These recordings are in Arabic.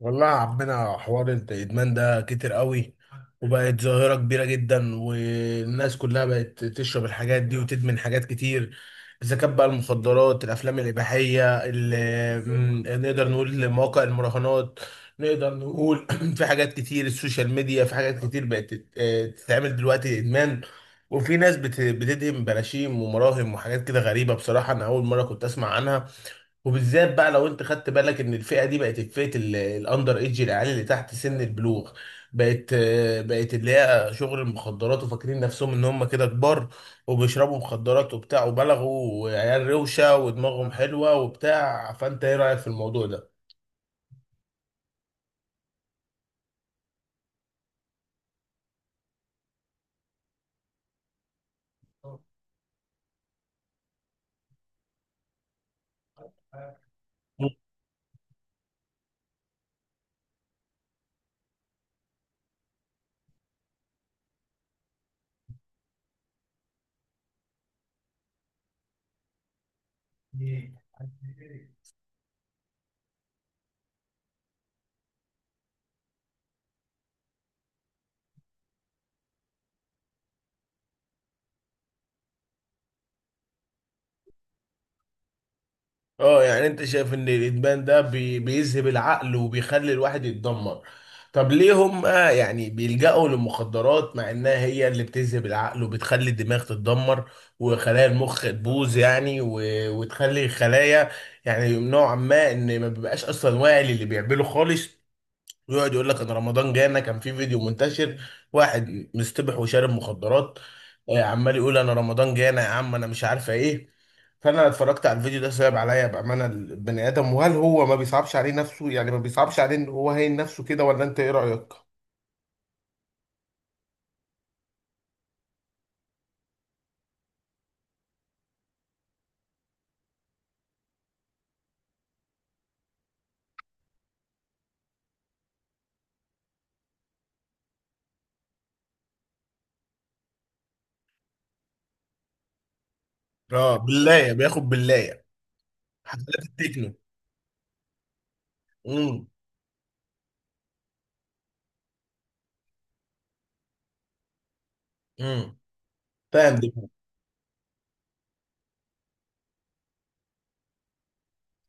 والله يا عمنا حوار الادمان ده كتير قوي. وبقت ظاهرة كبيرة جدا والناس كلها بقت تشرب الحاجات دي وتدمن حاجات كتير. اذا كانت بقى المخدرات الافلام الاباحية ال- م، نقدر نقول مواقع المراهنات. نقدر نقول في حاجات كتير السوشيال ميديا، في حاجات كتير بقت تتعمل دلوقتي ادمان. وفي ناس بتدهم براشيم ومراهم وحاجات كده غريبة، بصراحة انا اول مرة كنت اسمع عنها. وبالذات بقى لو انت خدت بالك ان الفئه دي بقت فئه الاندر ايدج، العيال اللي تحت سن البلوغ. بقت اللي هي شغل المخدرات وفاكرين نفسهم ان هم كده كبار، وبيشربوا مخدرات وبتاع وبلغوا وعيال روشه ودماغهم حلوه وبتاع. فانت ايه رايك في الموضوع ده؟ اه، يعني انت شايف ان الادمان ده بيذهب العقل وبيخلي الواحد يتدمر. طب ليه هم يعني بيلجأوا للمخدرات مع انها هي اللي بتذهب العقل وبتخلي الدماغ تتدمر وخلايا المخ تبوظ يعني وتخلي الخلايا يعني نوعا ما ان ما بيبقاش اصلا واعي للي بيعمله خالص. ويقعد يقول لك ان رمضان جانا، كان في فيديو منتشر واحد مستبح وشارب مخدرات، عمال يقول انا رمضان جانا يا عم انا مش عارفه ايه. فانا اتفرجت على الفيديو ده، صعب عليا بامانه البني ادم، وهل هو ما بيصعبش عليه نفسه، يعني ما بيصعبش عليه ان هو هين نفسه كده؟ ولا انت ايه رايك؟ اه بالله بياخد بالله. حفلات التكنو. امم امم فاهم دي.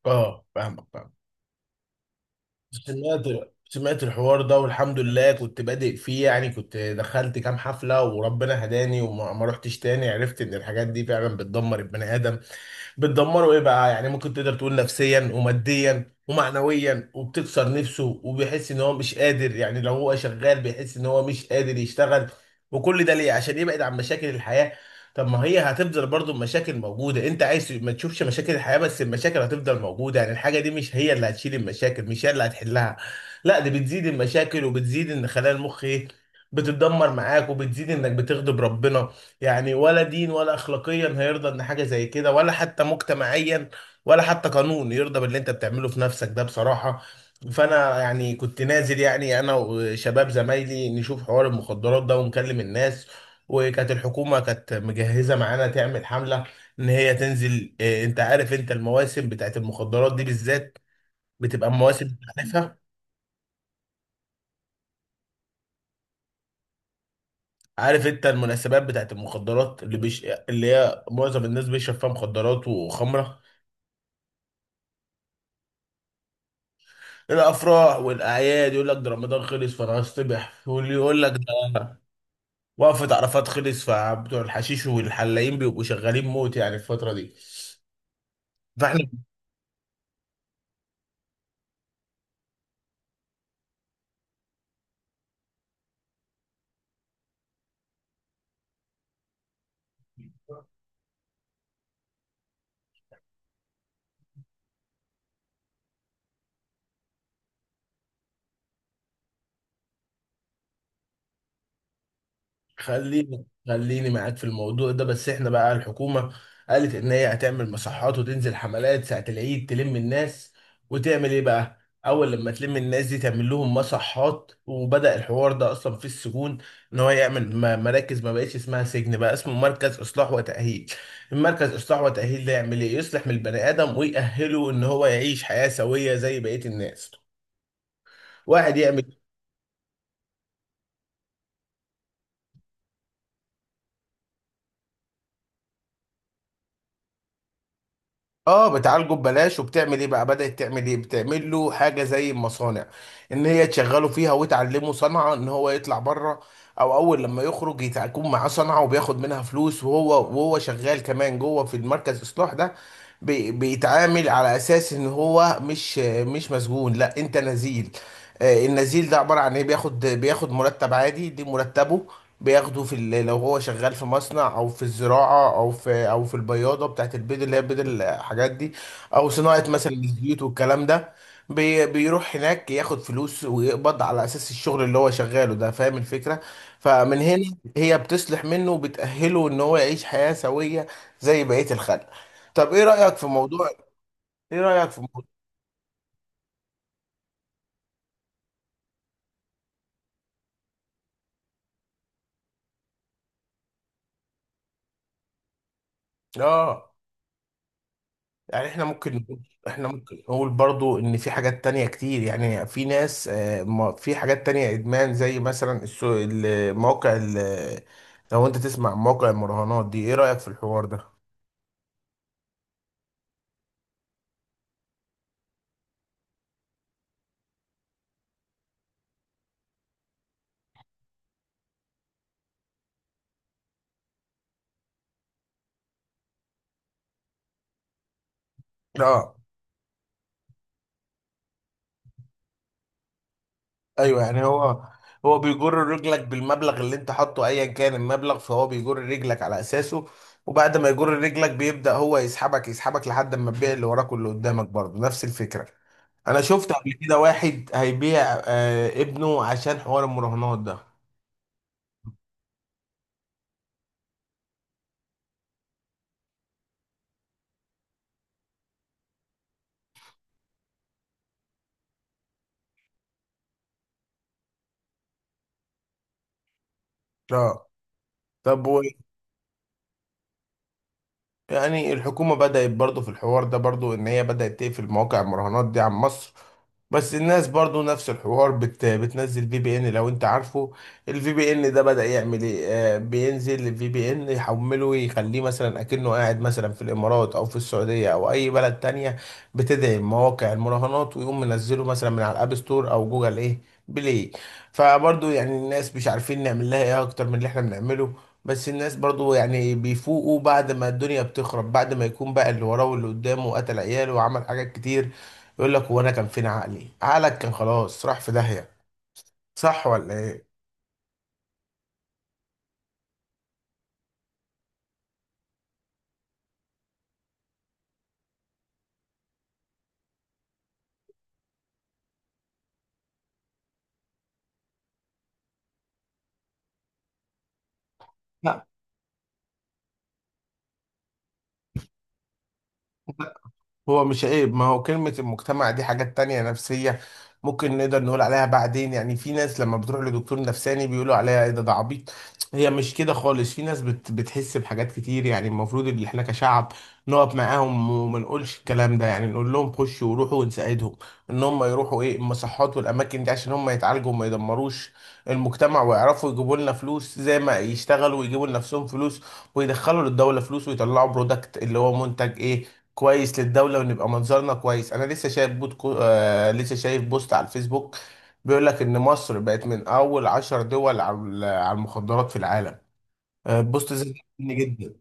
اه، فاهمك فاهمك. سمعت الحوار ده والحمد لله، كنت بادئ فيه يعني، كنت دخلت كام حفلة وربنا هداني وما ما رحتش تاني، عرفت ان الحاجات دي فعلا بتدمر البني ادم. بتدمره ايه بقى؟ يعني ممكن تقدر تقول نفسيا وماديا ومعنويا، وبتكسر نفسه وبيحس ان هو مش قادر، يعني لو هو شغال بيحس ان هو مش قادر يشتغل. وكل ده ليه؟ عشان يبعد عن مشاكل الحياة. طب ما هي هتفضل برضو مشاكل موجودة، انت عايز ما تشوفش مشاكل الحياة بس المشاكل هتفضل موجودة، يعني الحاجة دي مش هي اللي هتشيل المشاكل، مش هي اللي هتحلها. لا، دي بتزيد المشاكل وبتزيد ان خلايا المخ ايه، بتتدمر معاك، وبتزيد انك بتغضب ربنا. يعني ولا دين ولا اخلاقيا هيرضى ان حاجه زي كده، ولا حتى مجتمعيا ولا حتى قانون يرضى باللي انت بتعمله في نفسك ده بصراحه. فانا يعني كنت نازل، يعني انا وشباب زمايلي نشوف حوار المخدرات ده ونكلم الناس. وكانت الحكومه كانت مجهزه معانا تعمل حمله ان هي تنزل انت عارف انت المواسم بتاعت المخدرات دي بالذات بتبقى مواسم عارفها. عارف انت المناسبات بتاعت المخدرات اللي هي معظم الناس بيشرب فيها مخدرات وخمره. الافراح والاعياد، يقول لك ده رمضان خلص فانا هصطبح، واللي يقول لك ده وقفة عرفات خلص، فبتوع الحشيش والحلاقين بيبقوا شغالين موت يعني الفترة دي. فاحنا خليني خليني معاك في الموضوع ده، بس احنا بقى الحكومة قالت ان هي هتعمل مصحات وتنزل حملات ساعة العيد، تلم الناس وتعمل ايه بقى. اول لما تلم الناس دي تعمل لهم مصحات، وبدأ الحوار ده اصلا في السجون، ان هو يعمل مراكز. ما بقتش اسمها سجن، بقى اسمه مركز اصلاح وتأهيل. المركز اصلاح وتأهيل ده يعمل ايه؟ يصلح من البني ادم ويأهله ان هو يعيش حياة سوية زي بقية الناس. واحد يعمل. اه، بتعالجه ببلاش وبتعمل ايه بقى، بدأت تعمل ايه، بتعمل له حاجه زي المصانع ان هي تشغله فيها وتعلمه صنعه ان هو يطلع بره. او اول لما يخرج يكون معاه صنعه وبياخد منها فلوس، وهو وهو شغال كمان جوه في المركز الاصلاح ده. بيتعامل على اساس ان هو مش مسجون، لا انت نزيل. النزيل ده عباره عن ايه؟ بياخد مرتب عادي، دي مرتبه. بياخده في لو هو شغال في مصنع، او في الزراعه، او في البياضه بتاعت البيض اللي هي بيض الحاجات دي، او صناعه مثلا الزيوت والكلام ده. بيروح هناك ياخد فلوس ويقبض على اساس الشغل اللي هو شغاله ده، فاهم الفكره؟ فمن هنا هي بتصلح منه وبتأهله ان هو يعيش حياه سويه زي بقيه الخلق. طب ايه رأيك في موضوع ايه رأيك في موضوع اه، يعني احنا ممكن نقول برضو ان في حاجات تانية كتير، يعني في ناس في حاجات تانية ادمان زي مثلا المواقع لو انت تسمع عن مواقع المراهنات دي، ايه رأيك في الحوار ده؟ اه ايوه، يعني هو بيجر رجلك بالمبلغ اللي انت حاطه ايا كان المبلغ، فهو بيجر رجلك على اساسه، وبعد ما يجر رجلك بيبدأ هو يسحبك يسحبك لحد ما تبيع اللي وراك واللي قدامك، برضه نفس الفكرة. انا شفت قبل كده واحد هيبيع ابنه عشان حوار المراهنات ده. اه، طب يعني الحكومة بدأت برضو في الحوار ده، برضو إن هي بدأت تقفل مواقع المراهنات دي عن مصر، بس الناس برضو نفس الحوار بتنزل في بي إن لو أنت عارفه. الفي بي إن ده بدأ يعمل إيه؟ بينزل الفي بي إن يحمله يخليه مثلا أكنه قاعد مثلا في الإمارات أو في السعودية أو أي بلد تانية بتدعم مواقع المراهنات، ويقوم منزله مثلا من على الأب ستور أو جوجل إيه بلاي. فبرضو يعني الناس مش عارفين نعمل لها إيه أكتر من اللي إحنا بنعمله. بس الناس برضو يعني بيفوقوا بعد ما الدنيا بتخرب، بعد ما يكون بقى اللي وراه واللي قدامه وقتل عياله وعمل حاجات كتير، يقول لك هو انا كان فين عقلي؟ عقلك كان خلاص راح في داهية. صح ولا ايه؟ لا، هو مش عيب، ما هو كلمة المجتمع دي حاجات تانية نفسية، ممكن نقدر نقول عليها بعدين. يعني في ناس لما بتروح لدكتور نفساني بيقولوا عليها ايه، ده عبيط. هي مش كده خالص، في ناس بتحس بحاجات كتير. يعني المفروض ان احنا كشعب نقف معاهم وما نقولش الكلام ده، يعني نقول لهم خشوا وروحوا ونساعدهم ان هم يروحوا ايه المصحات والاماكن دي، عشان هم يتعالجوا وما يدمروش المجتمع، ويعرفوا يجيبوا لنا فلوس زي ما يشتغلوا ويجيبوا لنفسهم فلوس، ويدخلوا للدولة فلوس، ويطلعوا برودكت اللي هو منتج ايه، كويس للدولة، ونبقى منظرنا كويس. انا لسه شايف بوت كو... آه لسه شايف بوست على الفيسبوك بيقول لك ان مصر بقت من اول 10 دول على المخدرات في العالم. آه، بوست زي ده جنني جدا.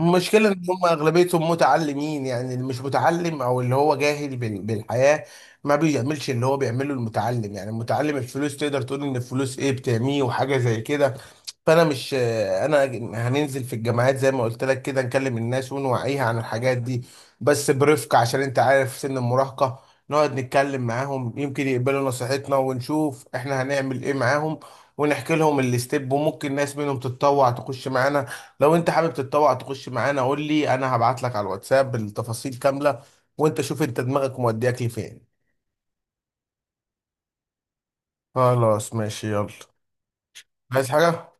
المشكلة ان هم اغلبيتهم متعلمين، يعني اللي مش متعلم او اللي هو جاهل بالحياة ما بيعملش اللي هو بيعمله المتعلم، يعني المتعلم الفلوس تقدر تقول ان الفلوس ايه، بتعميه وحاجة زي كده. فانا مش انا هننزل في الجامعات زي ما قلت لك كده، نكلم الناس ونوعيها عن الحاجات دي بس برفق، عشان انت عارف سن المراهقة. نقعد نتكلم معاهم يمكن يقبلوا نصيحتنا، ونشوف احنا هنعمل ايه معاهم، ونحكي لهم الاستيب، وممكن ناس منهم تتطوع تخش معانا. لو انت حابب تتطوع تخش معانا قول لي، انا هبعت لك على الواتساب التفاصيل كاملة، وانت شوف انت دماغك مودياك لفين. خلاص ماشي يلا. عايز حاجة؟